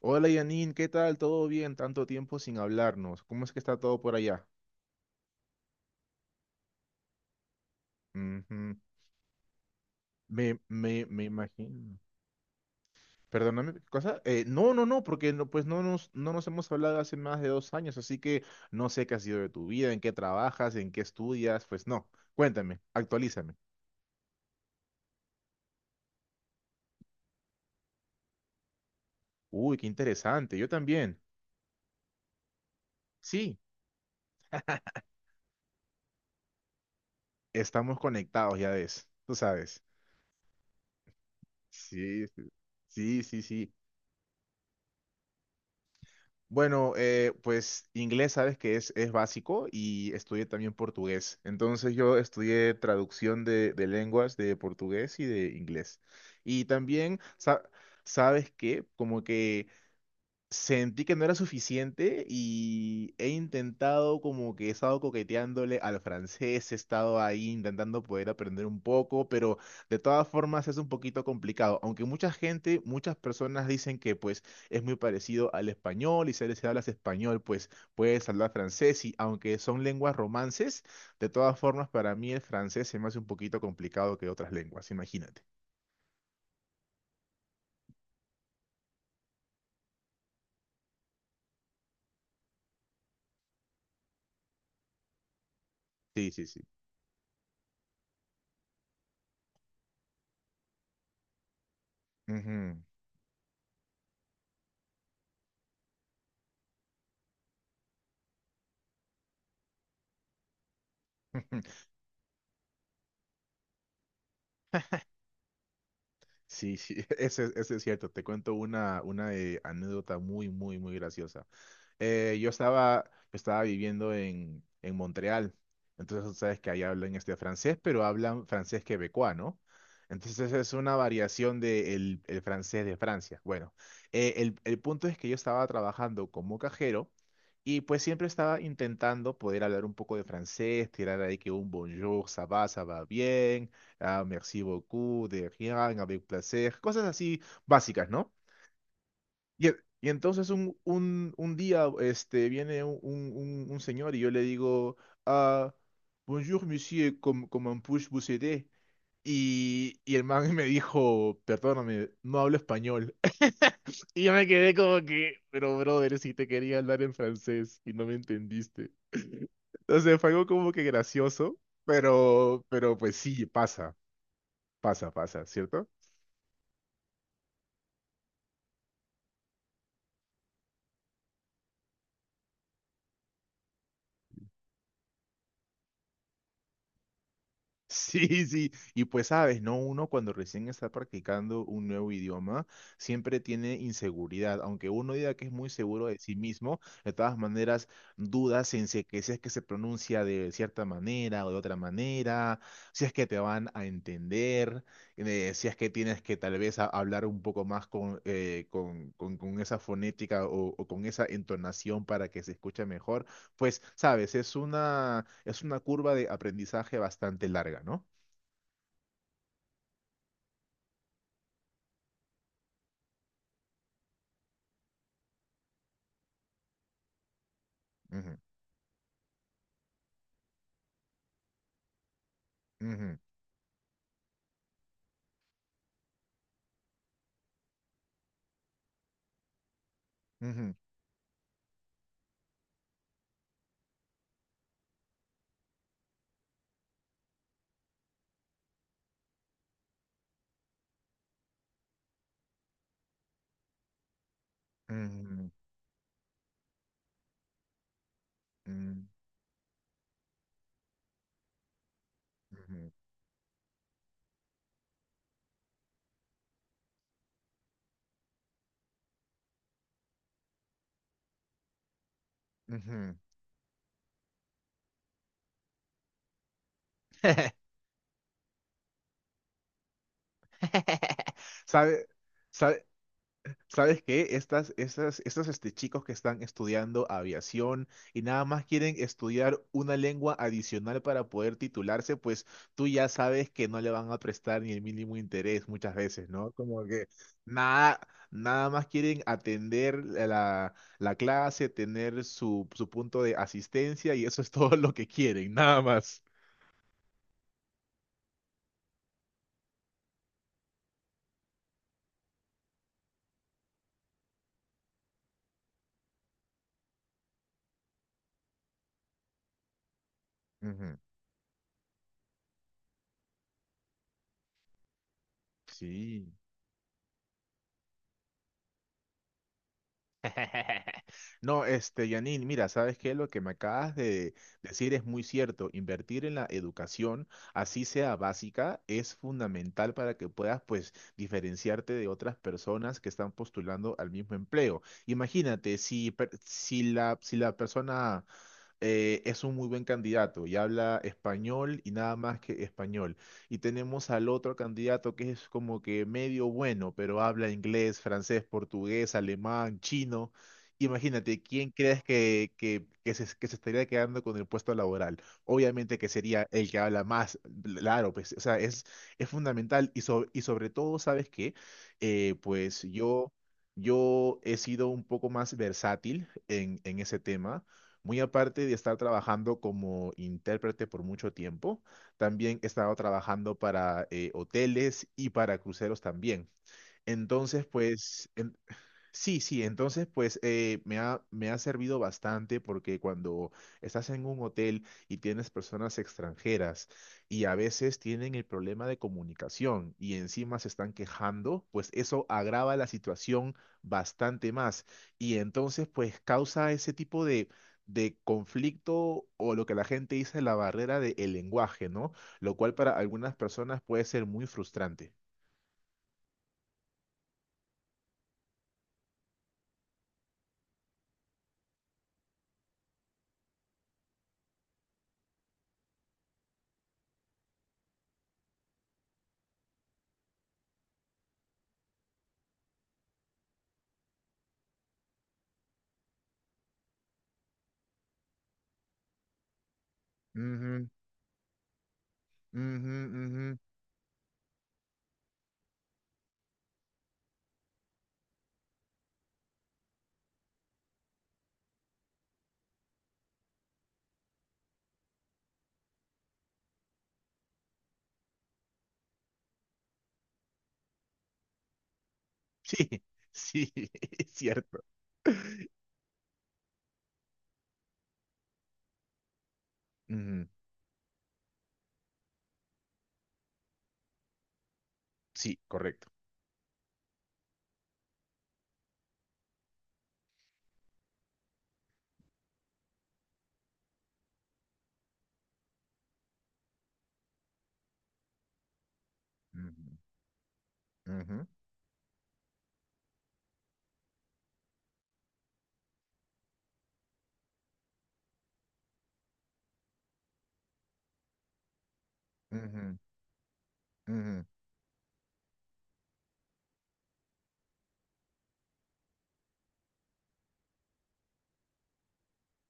Hola Janine, ¿qué tal? ¿Todo bien? Tanto tiempo sin hablarnos. ¿Cómo es que está todo por allá? Ujú. Me imagino. Perdóname, ¿qué cosa? No, porque no, pues no nos hemos hablado hace más de 2 años, así que no sé qué ha sido de tu vida, en qué trabajas, en qué estudias, pues no. Cuéntame, actualízame. Uy, qué interesante, yo también. Sí, estamos conectados, ya ves, tú sabes. Sí, sí, sí, sí. Sí. Bueno, pues inglés sabes que es básico y estudié también portugués. Entonces yo estudié traducción de lenguas de portugués y de inglés. Y también, ¿sabes que como que sentí que no era suficiente y he intentado como que he estado coqueteándole al francés, he estado ahí intentando poder aprender un poco, pero de todas formas es un poquito complicado, aunque mucha gente, muchas personas dicen que pues es muy parecido al español y si les hablas español pues puedes hablar francés y aunque son lenguas romances, de todas formas para mí el francés se me hace un poquito complicado que otras lenguas, imagínate. Sí, sí, sí. Ujú. Sí, sí, ese es cierto. Te cuento una anécdota muy, muy, muy graciosa. Yo estaba viviendo en Montreal, entonces tú sabes que ahí hablan este francés, pero hablan francés quebecois, ¿no? Entonces es una variación del francés de Francia. Bueno, el punto es que yo estaba trabajando como cajero y pues siempre estaba intentando poder hablar un poco de francés, tirar ahí que un bonjour, ça va bien, ah, merci beaucoup, de rien, avec placer, cosas así básicas, ¿no? Y, y entonces un día este, viene un señor y yo le digo, ah, Bonjour, monsieur, comment puis vous aider? Y el man me dijo, perdóname, no hablo español. Y yo me quedé como que, pero brother, si te quería hablar en francés y no me entendiste. Entonces fue algo como que gracioso, pero pues sí, pasa, pasa, pasa, ¿cierto? Sí, sí, y pues sabes, ¿no? Uno cuando recién está practicando un nuevo idioma siempre tiene inseguridad, aunque uno diga que es muy seguro de sí mismo, de todas maneras dudas en si, que si es que se pronuncia de cierta manera o de otra manera, si es que te van a entender, si es que tienes que tal vez hablar un poco más con, con esa fonética o con esa entonación para que se escuche mejor pues, sabes, es una curva de aprendizaje bastante larga, ¿no? Ujú, ujú, ujú, ujú, ujú, ujú, ujú. ¿Sabe- sabe- ¿Sabes qué? Estos chicos que están estudiando aviación y nada más quieren estudiar una lengua adicional para poder titularse, pues tú ya sabes que no le van a prestar ni el mínimo interés muchas veces, ¿no? Como que nada, nada más quieren atender la clase, tener su punto de asistencia y eso es todo lo que quieren, nada más. Ujú. Sí. No, Janine, mira, ¿sabes qué? Lo que me acabas de decir es muy cierto. Invertir en la educación, así sea básica, es fundamental para que puedas, pues, diferenciarte de otras personas que están postulando al mismo empleo. Imagínate, si, si la, si la persona es un muy buen candidato y habla español y nada más que español y tenemos al otro candidato que es como que medio bueno, pero habla inglés, francés, portugués, alemán, chino. Imagínate, ¿quién crees que se estaría quedando con el puesto laboral? Obviamente que sería el que habla más, claro, pues, o sea, es fundamental y, y sobre todo, ¿sabes qué? Pues yo he sido un poco más versátil en ese tema, muy aparte de estar trabajando como intérprete por mucho tiempo. También he estado trabajando para hoteles y para cruceros también. Entonces, pues, sí, sí, entonces pues me ha servido bastante porque cuando estás en un hotel y tienes personas extranjeras y a veces tienen el problema de comunicación y encima se están quejando, pues eso agrava la situación bastante más y entonces pues causa ese tipo de conflicto o lo que la gente dice la barrera del lenguaje, ¿no? Lo cual para algunas personas puede ser muy frustrante. Ujú, ujú, ujú. Sí, sí, es cierto. Ujú. Sí, correcto. Ujú, ujú, ujú, ujú,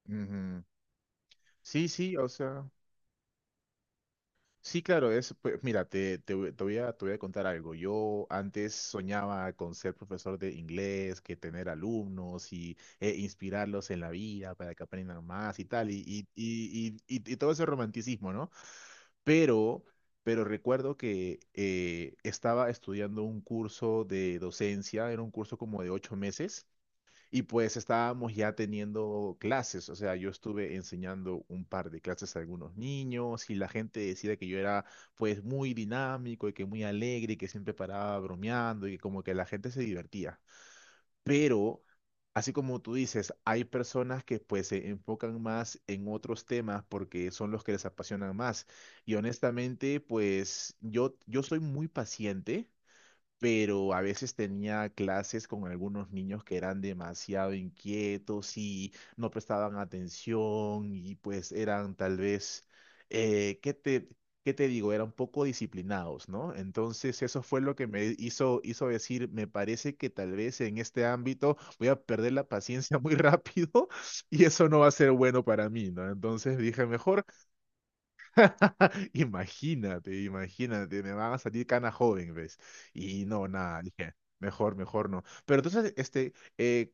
ujú. Sí, sí, o sea, sí, claro, es, pues, mira, te voy a contar algo. Yo antes soñaba con ser profesor de inglés, que tener alumnos y inspirarlos en la vida para que aprendan más y tal, y todo ese romanticismo, ¿no? Pero, pero recuerdo que estaba estudiando un curso de docencia, era un curso como de 8 meses. Y pues estábamos ya teniendo clases, o sea, yo estuve enseñando un par de clases a algunos niños y la gente decía que yo era pues muy dinámico y que muy alegre y que siempre paraba bromeando y como que la gente se divertía. Pero, así como tú dices, hay personas que pues se enfocan más en otros temas porque son los que les apasionan más. Y honestamente, pues yo soy muy paciente pero a veces tenía clases con algunos niños que eran demasiado inquietos y no prestaban atención y pues eran tal vez, eh, ¿qué te, qué te digo? Eran poco disciplinados, ¿no? Entonces eso fue lo que me hizo decir, me parece que tal vez en este ámbito voy a perder la paciencia muy rápido y eso no va a ser bueno para mí, ¿no? Entonces dije, mejor. Imagínate, imagínate, me van a salir cana joven, ¿ves? Y no, nada, dije, mejor, mejor no. Pero entonces, eh,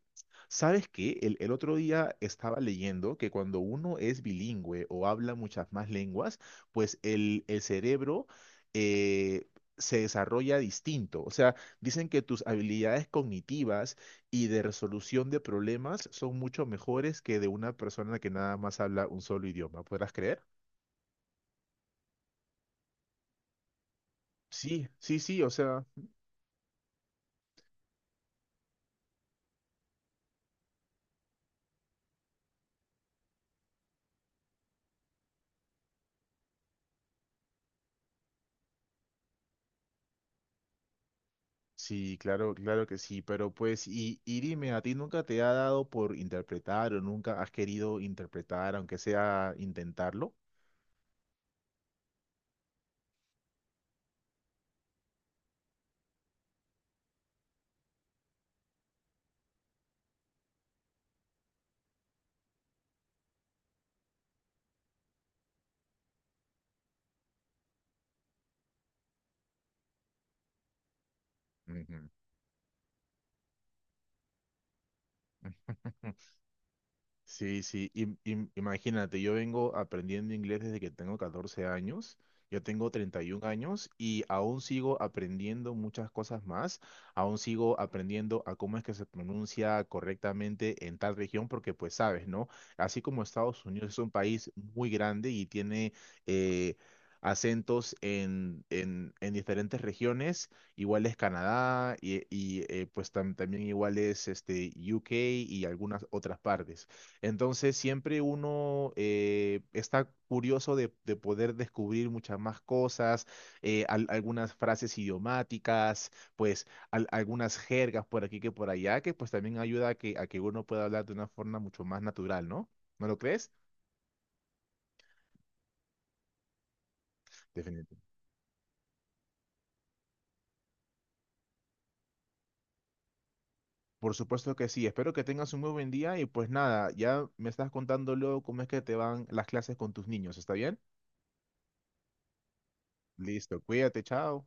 ¿sabes qué? El otro día estaba leyendo que cuando uno es bilingüe o habla muchas más lenguas, pues el cerebro eh, se desarrolla distinto. O sea, dicen que tus habilidades cognitivas y de resolución de problemas son mucho mejores que de una persona que nada más habla un solo idioma. ¿Podrás creer? Sí, sí, sí, o sea, sí, claro, claro que sí, pero pues, y dime, ¿a ti nunca te ha dado por interpretar o nunca has querido interpretar, aunque sea intentarlo? Ujú. Sí, sí, imagínate, yo vengo aprendiendo inglés desde que tengo 14 años, yo tengo 31 años y aún sigo aprendiendo muchas cosas más, aún sigo aprendiendo a cómo es que se pronuncia correctamente en tal región, porque pues sabes, ¿no? Así como Estados Unidos es un país muy grande y tiene eh, acentos en diferentes regiones, igual es Canadá y, pues también igual es UK y algunas otras partes. Entonces siempre uno está curioso de poder descubrir muchas más cosas, algunas frases idiomáticas, pues algunas jergas por aquí que por allá, que pues también ayuda a que uno pueda hablar de una forma mucho más natural, ¿no? ¿No lo crees? Definitivamente. Por supuesto que sí. Espero que tengas un muy buen día y pues nada, ya me estás contando luego cómo es que te van las clases con tus niños, ¿está bien? Listo, cuídate, chao.